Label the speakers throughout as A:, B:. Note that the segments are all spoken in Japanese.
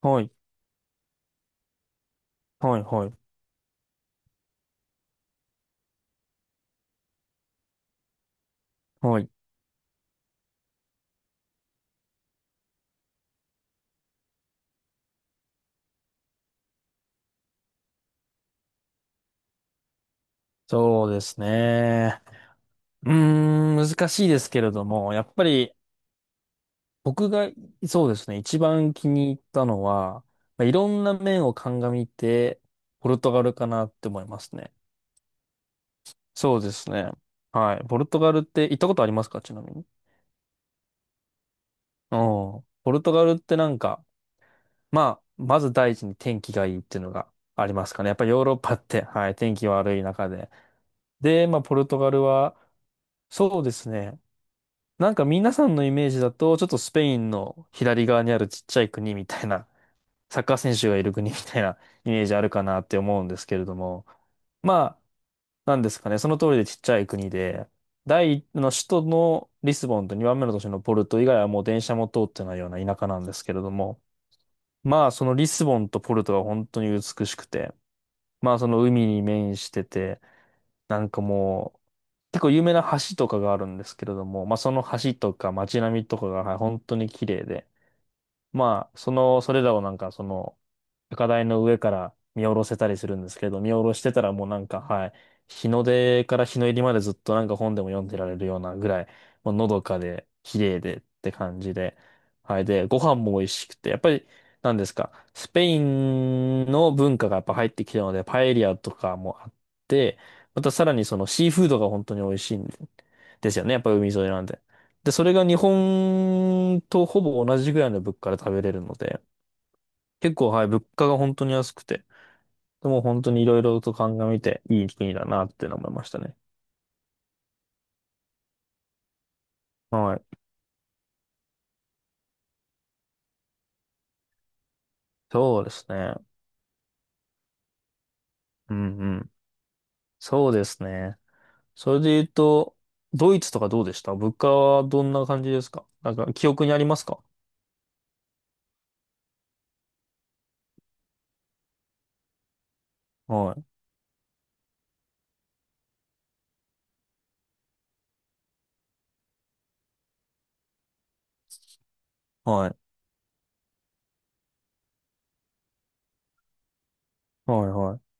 A: はい、はい、はい、はい。そうですね。うーん、難しいですけれども、やっぱり僕が、そうですね、一番気に入ったのは、まあ、いろんな面を鑑みて、ポルトガルかなって思いますね。そうですね。はい。ポルトガルって行ったことありますかちなみに。うん。ポルトガルってなんか、まあ、まず第一に天気がいいっていうのがありますかね。やっぱりヨーロッパって、はい、天気悪い中で。で、まあ、ポルトガルは、そうですね。なんか皆さんのイメージだと、ちょっとスペインの左側にあるちっちゃい国みたいな、サッカー選手がいる国みたいな イメージあるかなって思うんですけれども、まあ、なんですかね、その通りでちっちゃい国で、第一の首都のリスボンと2番目の都市のポルト以外はもう電車も通ってないような田舎なんですけれども、まあそのリスボンとポルトが本当に美しくて、まあその海に面してて、なんかもう、結構有名な橋とかがあるんですけれども、まあその橋とか街並みとかがはい本当に綺麗で、まあその、それらをなんかその高台の上から見下ろせたりするんですけど、見下ろしてたらもうなんか、はい、日の出から日の入りまでずっとなんか本でも読んでられるようなぐらい、もうのどかで、綺麗でって感じで、はい、で、ご飯も美味しくて、やっぱり、なんですか、スペインの文化がやっぱ入ってきたので、パエリアとかもあって、またさらにそのシーフードが本当に美味しいんでですよね、やっぱ海沿いなんで。で、それが日本とほぼ同じぐらいの物価で食べれるので、結構、はい、物価が本当に安くて、でも本当にいろいろと鑑みていい国だなっていうのを思いましたね。はい。そうですね。うんうん。そうですね。それで言うと、ドイツとかどうでした物価はどんな感じですかなんか記憶にありますか？はい。はい。はいはい。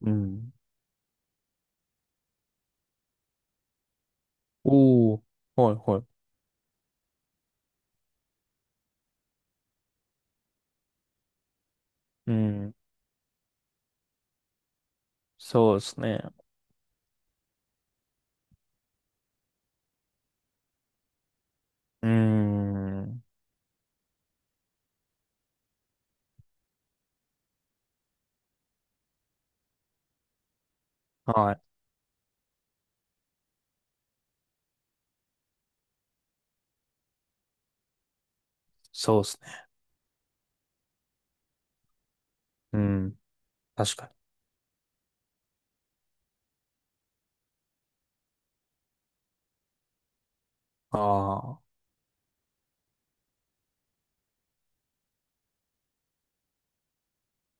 A: うん。おー。はいはい。うん。そうですね。うーん。はい。そうですね。うん。確かに。ああ。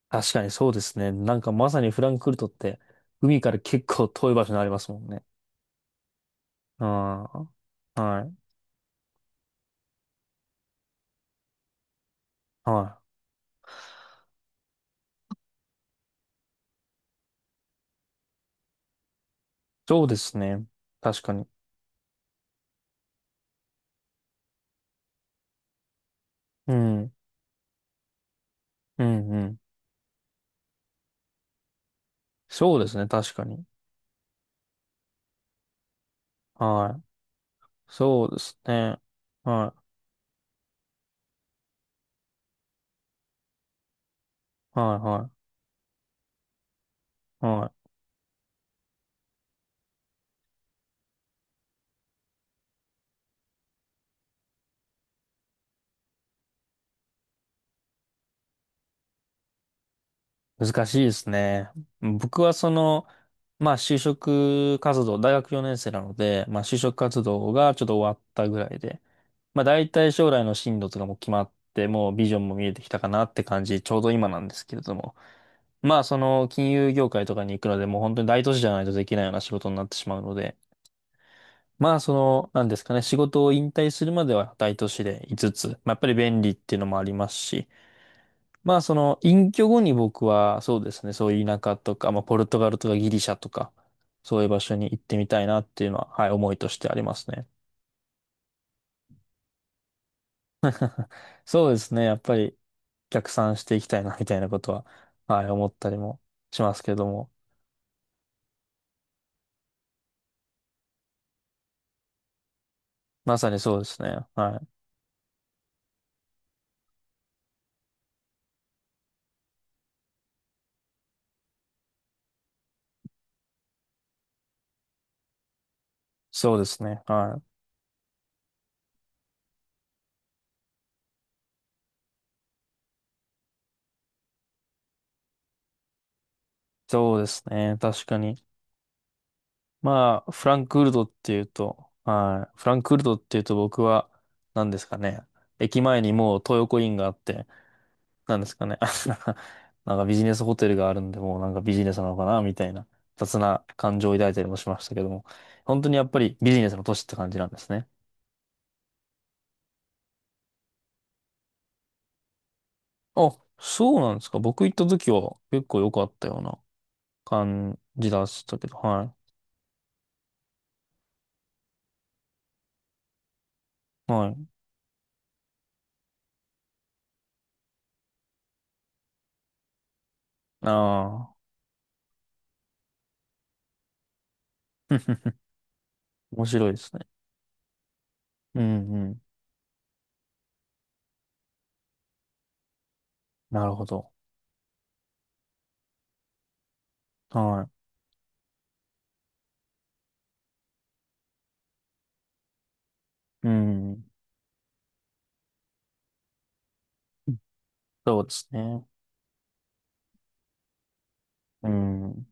A: 確かにそうですね。なんかまさにフランクフルトって、海から結構遠い場所にありますもんね。うん。はい。はい。そうですね。確かに。うん。うん、うん。そうですね。確かに。はい。そうですね。はい。はい、はい。はい。難しいですね。僕はその、まあ就職活動、大学4年生なので、まあ就職活動がちょっと終わったぐらいで、まあ大体将来の進路とかも決まって、もうビジョンも見えてきたかなって感じ、ちょうど今なんですけれども。まあその金融業界とかに行くので、もう本当に大都市じゃないとできないような仕事になってしまうので、まあその、なんですかね、仕事を引退するまでは大都市でいつつ、まあやっぱり便利っていうのもありますし、まあその隠居後に僕はそうですね、そういう田舎とか、まあポルトガルとかギリシャとか、そういう場所に行ってみたいなっていうのは、はい、思いとしてありますね。そうですね。やっぱり逆算していきたいな、みたいなことは、はい、思ったりもしますけども。まさにそうですね。はい。そうですね。はい。そうですね。確かに。まあ、フランクフルトっていうと、はい。フランクフルトっていうと僕は、何ですかね。駅前にもう東横インがあって、何ですかね。なんかビジネスホテルがあるんで、もうなんかビジネスなのかな、みたいな雑な感情を抱いたりもしましたけども、本当にやっぱりビジネスの都市って感じなんですね。あ、そうなんですか。僕行った時は結構良かったような感じだったけど、はい。はい。ああ。面白いですね。うんうん。なるほど。はい。うん。そうですね。うん。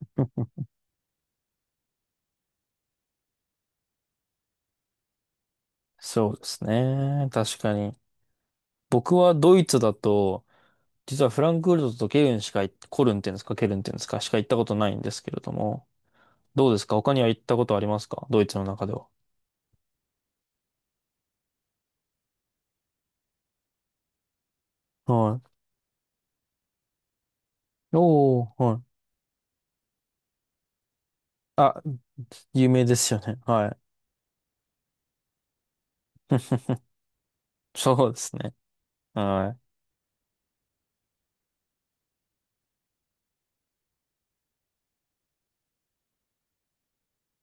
A: そうですね。確かに。僕はドイツだと、実はフランクフルトとケルンしかコルンっていうんですか、ケルンっていうんですか、しか行ったことないんですけれども、どうですか他には行ったことありますかドイツの中では？はい。おー、はい。あ、有名ですよね。はい。そうですね。は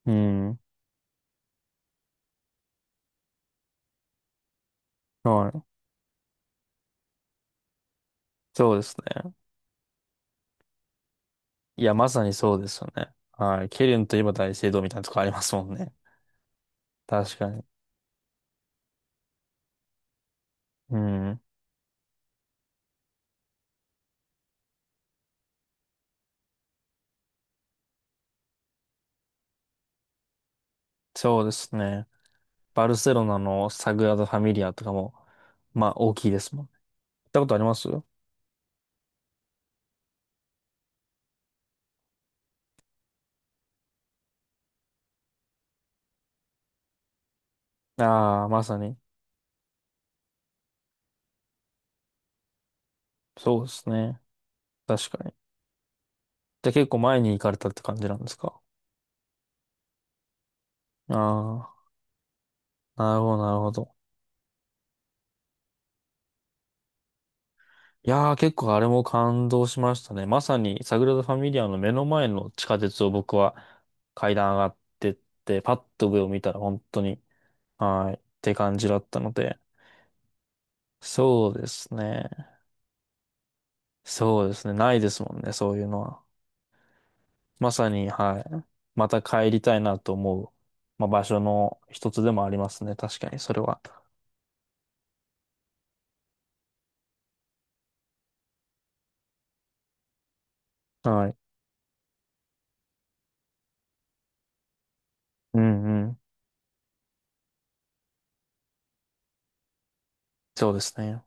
A: い。うん。はい。そうですね。いや、まさにそうですよね。はい。ケルンといえば大聖堂みたいなとこありますもんね。確かに。うん。そうですね。バルセロナのサグラダ・ファミリアとかも、まあ、大きいですもんね。行ったことありますああまさに。そうですね。確かに。じゃあ結構前に行かれたって感じなんですか？ああー、なるほど、なるほど。いやー、結構あれも感動しましたね。まさに、サグラダ・ファミリアの目の前の地下鉄を僕は階段上がってって、パッと上を見たら本当に、はい、って感じだったので、そうですね。そうですね。ないですもんね、そういうのは。まさに、はい。また帰りたいなと思う、まあ、場所の一つでもありますね。確かに、それは。はい。うんうん。そうですね。